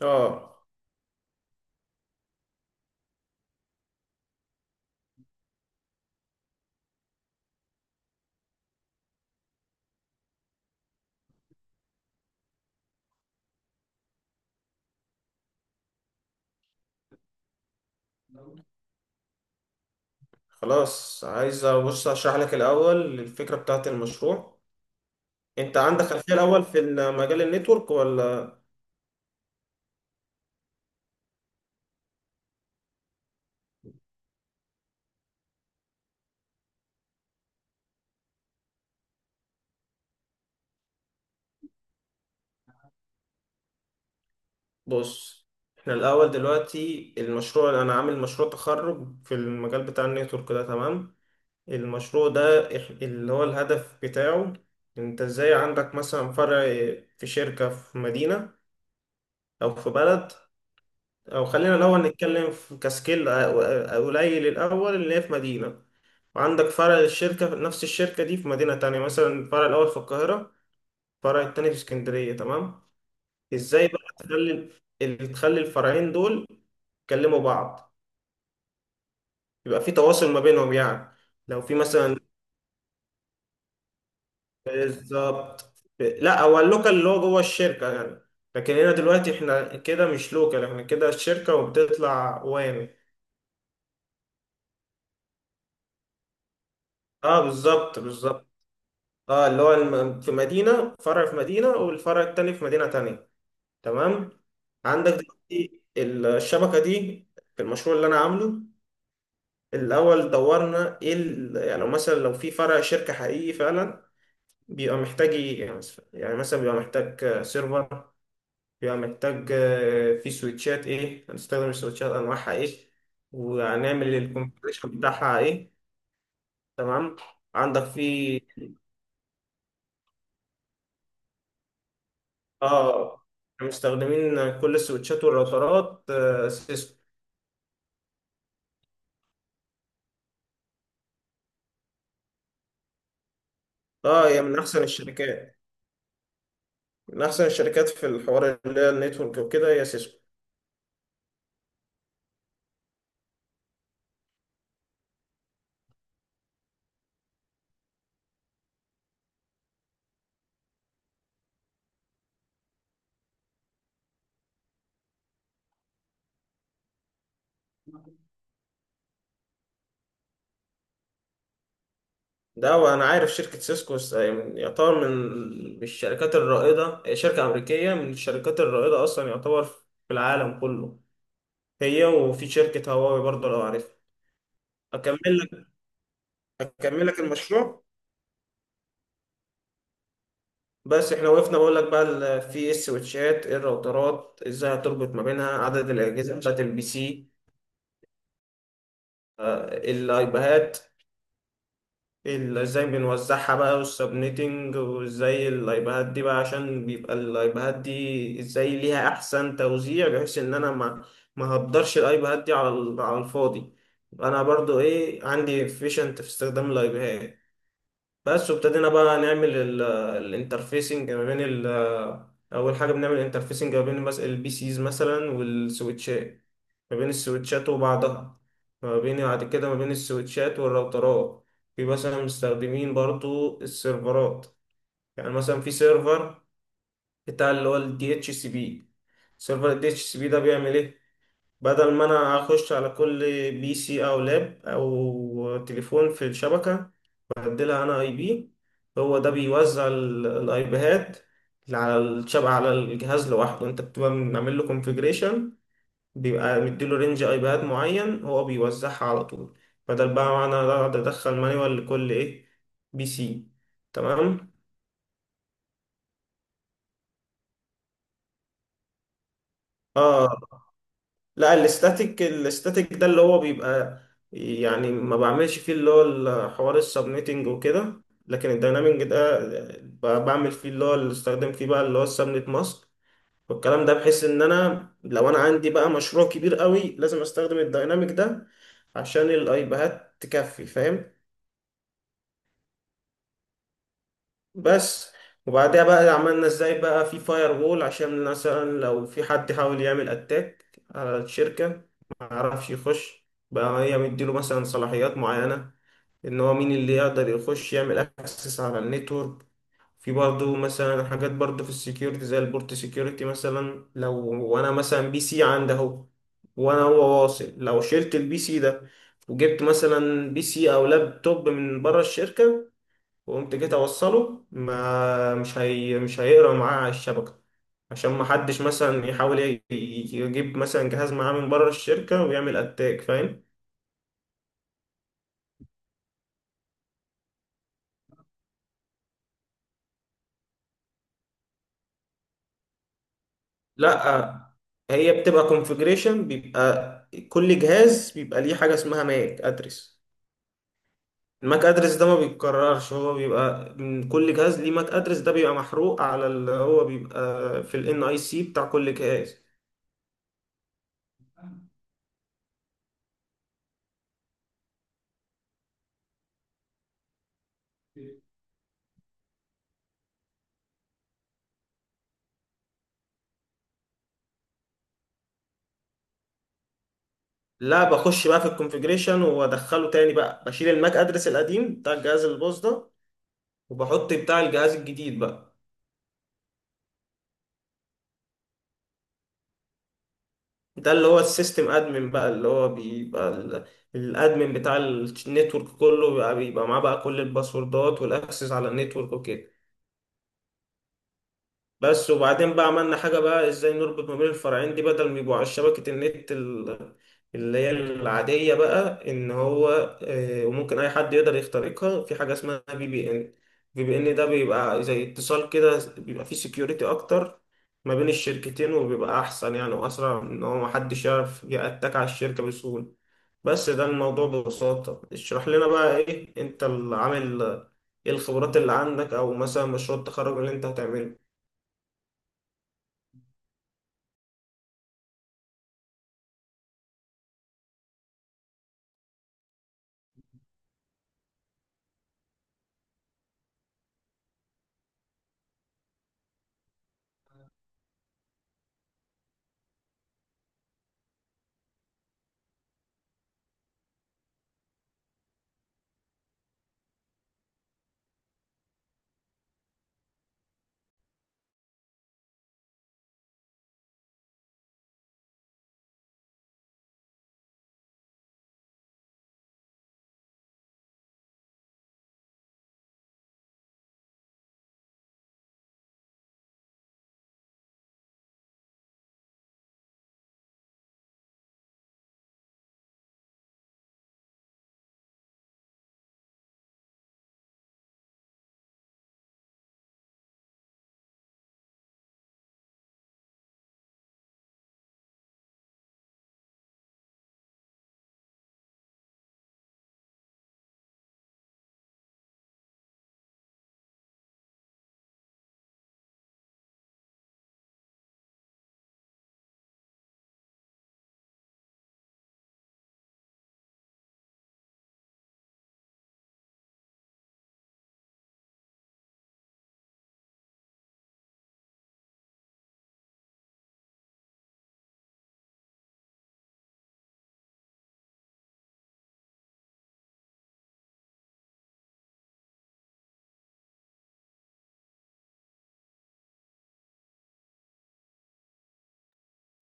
اه. خلاص، عايز بص اشرح لك الاول الفكره بتاعت المشروع. انت عندك خلفيه الاول في مجال النتورك ولا؟ بص، احنا الاول دلوقتي المشروع انا عامل مشروع تخرج في المجال بتاع النتورك ده، تمام. المشروع ده اللي هو الهدف بتاعه، انت ازاي عندك مثلا فرع في شركه في مدينه، او في بلد، او خلينا الاول نتكلم في كسكيل قليل. الاول اللي هي في مدينه، وعندك فرع للشركة في نفس الشركة دي في مدينة تانية، مثلا الفرع الأول في القاهرة، الفرع التاني في اسكندرية، تمام. إزاي بقى تخلي تخلي الفرعين دول يكلموا بعض، يبقى في تواصل ما بينهم يعني، لو في مثلا. بالظبط. لا هو اللوكال اللي هو جوه الشركة يعني، لكن هنا دلوقتي احنا كده مش لوكال، احنا كده الشركة وبتطلع وامي. اه، بالظبط بالظبط. اه، اللي هو في مدينة فرع في مدينة، والفرع التاني في مدينة تانية، تمام. عندك دلوقتي الشبكة دي في المشروع اللي أنا عامله. الأول دورنا إيه؟ يعني لو مثلا لو في فرع شركة حقيقي فعلا بيبقى محتاج إيه؟ يعني مثلا بيبقى محتاج سيرفر، بيبقى محتاج في سويتشات، إيه هنستخدم السويتشات، أنواعها إيه، وهنعمل الكونفيجريشن بتاعها إيه. تمام. عندك في آه مستخدمين كل السويتشات والراوترات سيسكو. اه، هي من احسن الشركات في الحوار اللي هي النتورك وكده، هي سيسكو. ده وانا عارف شركة سيسكو يعني يعتبر من الشركات الرائدة، هي شركة امريكية من الشركات الرائدة اصلا يعتبر في العالم كله. هي، وفي شركة هواوي برضه لو عارفها. اكمل لك اكمل لك المشروع. بس احنا وقفنا بقول لك بقى في إيه السويتشات، إيه الراوترات، ازاي هتربط ما بينها، عدد الاجهزة بتاعت البي سي، الايباهات ازاي بنوزعها بقى، والسبنيتنج، وازاي اللايبهات دي بقى عشان بيبقى اللايبهات دي ازاي ليها احسن توزيع بحيث ان انا ما هقدرش اللايبهات دي على على الفاضي. انا برضو ايه عندي efficient في استخدام اللايبهات بس. وابتدينا بقى نعمل الانترفيسنج ما بين اول حاجه بنعمل انترفيسنج ما بين مثلا البي سيز مثلا والسويتشات، ما بين السويتشات وبعضها، ما بين بعد كده ما بين السويتشات والراوترات. في مثلا مستخدمين برضو السيرفرات، يعني مثلا في سيرفر بتاع اللي هو ال DHCP، سيرفر ال DHCP ده بيعمل ايه؟ بدل ما انا اخش على كل بي سي او لاب او تليفون في الشبكة، بديلها انا اي بي، هو ده بيوزع الايبيهات على الشبكة. على الجهاز لوحده انت بتبقى بنعمل له كونفيجريشن، بيبقى مديله رينج ايباد معين، هو بيوزعها على طول. بدل بقى ما انا اقعد ادخل مانيوال لكل ايه بي سي. تمام. اه، لا الاستاتيك ده اللي هو بيبقى يعني ما بعملش فيه اللي هو حوار السبنيتنج وكده، لكن الداينامينج ده بعمل فيه اللي هو اللي استخدم فيه بقى اللي هو السبنت ماسك والكلام ده، بحيث ان انا لو انا عندي بقى مشروع كبير قوي لازم استخدم الدايناميك ده عشان الايباد تكفي، فاهم؟ بس. وبعدها بقى عملنا ازاي بقى في فاير وول، عشان مثلا لو في حد حاول يعمل اتاك على الشركة ما يعرفش يخش بقى، هي مديله مثلا صلاحيات معينة ان هو مين اللي يقدر يخش يعمل اكسس على النتورك. في برضه مثلا حاجات برضه في السكيورتي زي البورت سكيورتي، مثلا لو وانا مثلا بي سي عندي اهو، وانا هو واصل، لو شلت البي سي ده وجبت مثلا بي سي او لابتوب من بره الشركة وقمت جيت اوصله، ما مش هي مش هيقرا معاه على الشبكه، عشان ما حدش مثلا يحاول يجيب مثلا جهاز معاه من بره الشركه ويعمل اتاك، فاهم؟ لا، هي بتبقى كونفجريشن، بيبقى كل جهاز بيبقى ليه حاجه اسمها ماك ادرس. الماك ادرس ده ما بيتكررش، هو بيبقى من كل جهاز ليه ماك ادرس، ده بيبقى محروق على اللي هو بيبقى في الان اي سي بتاع كل جهاز. لا، بخش بقى في الكونفيجريشن وادخله تاني بقى، بشيل الماك ادرس القديم بتاع الجهاز الباص ده وبحط بتاع الجهاز الجديد بقى. ده اللي هو السيستم ادمن بقى اللي هو بيبقى الادمن بتاع النتورك كله بيبقى معاه بقى كل الباسوردات والاكسس على النتورك وكده. بس. وبعدين بقى عملنا حاجة بقى، ازاي نربط ما بين الفرعين دي بدل ما يبقوا على شبكة النت اللي هي العادية بقى ان هو وممكن اي حد يقدر يخترقها، في حاجة اسمها في بي ان. في بي ان ده بيبقى زي اتصال كده، بيبقى فيه سكيورتي اكتر ما بين الشركتين، وبيبقى احسن يعني واسرع، ان هو محدش يعرف يأتاك على الشركة بسهولة. بس ده الموضوع ببساطة. اشرح لنا بقى ايه انت اللي عامل، ايه الخبرات اللي عندك او مثلا مشروع التخرج اللي انت هتعمله.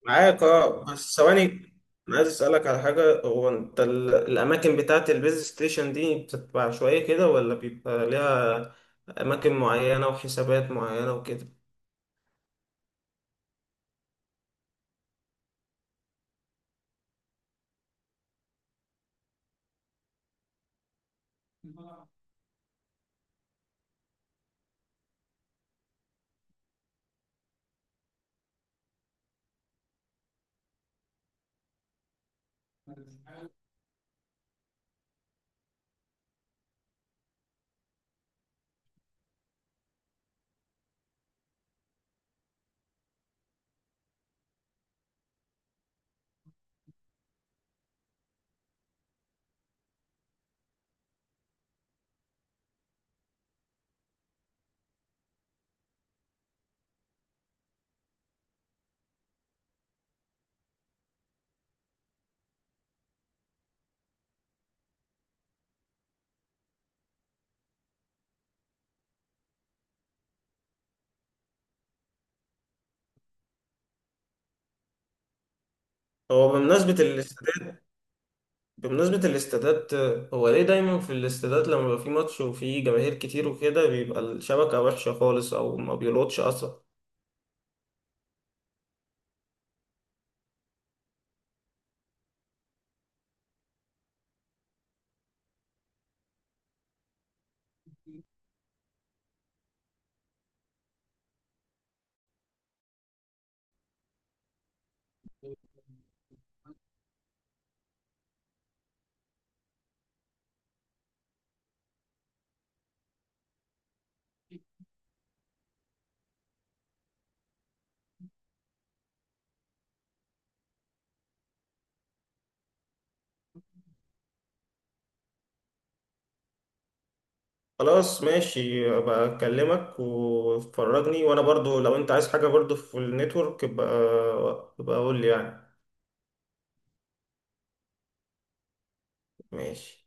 معاك اه. بس ثواني، انا عايز اسالك على حاجه، هو انت الاماكن بتاعه البيز ستيشن دي بتبقى عشوائيه كده، ولا بيبقى ليها اماكن معينه وحسابات معينه وكده؟ هو بمناسبه الاستادات، هو ليه دايما في الاستادات لما بيبقى في ماتش وفي جماهير كتير وكده بيبقى الشبكه وحشه خالص، او ما بيلقطش اصلا؟ خلاص، ماشي. ابقى اكلمك وفرجني، وانا برضو لو انت عايز حاجه برضو في النتورك ابقى قول لي يعني. ماشي.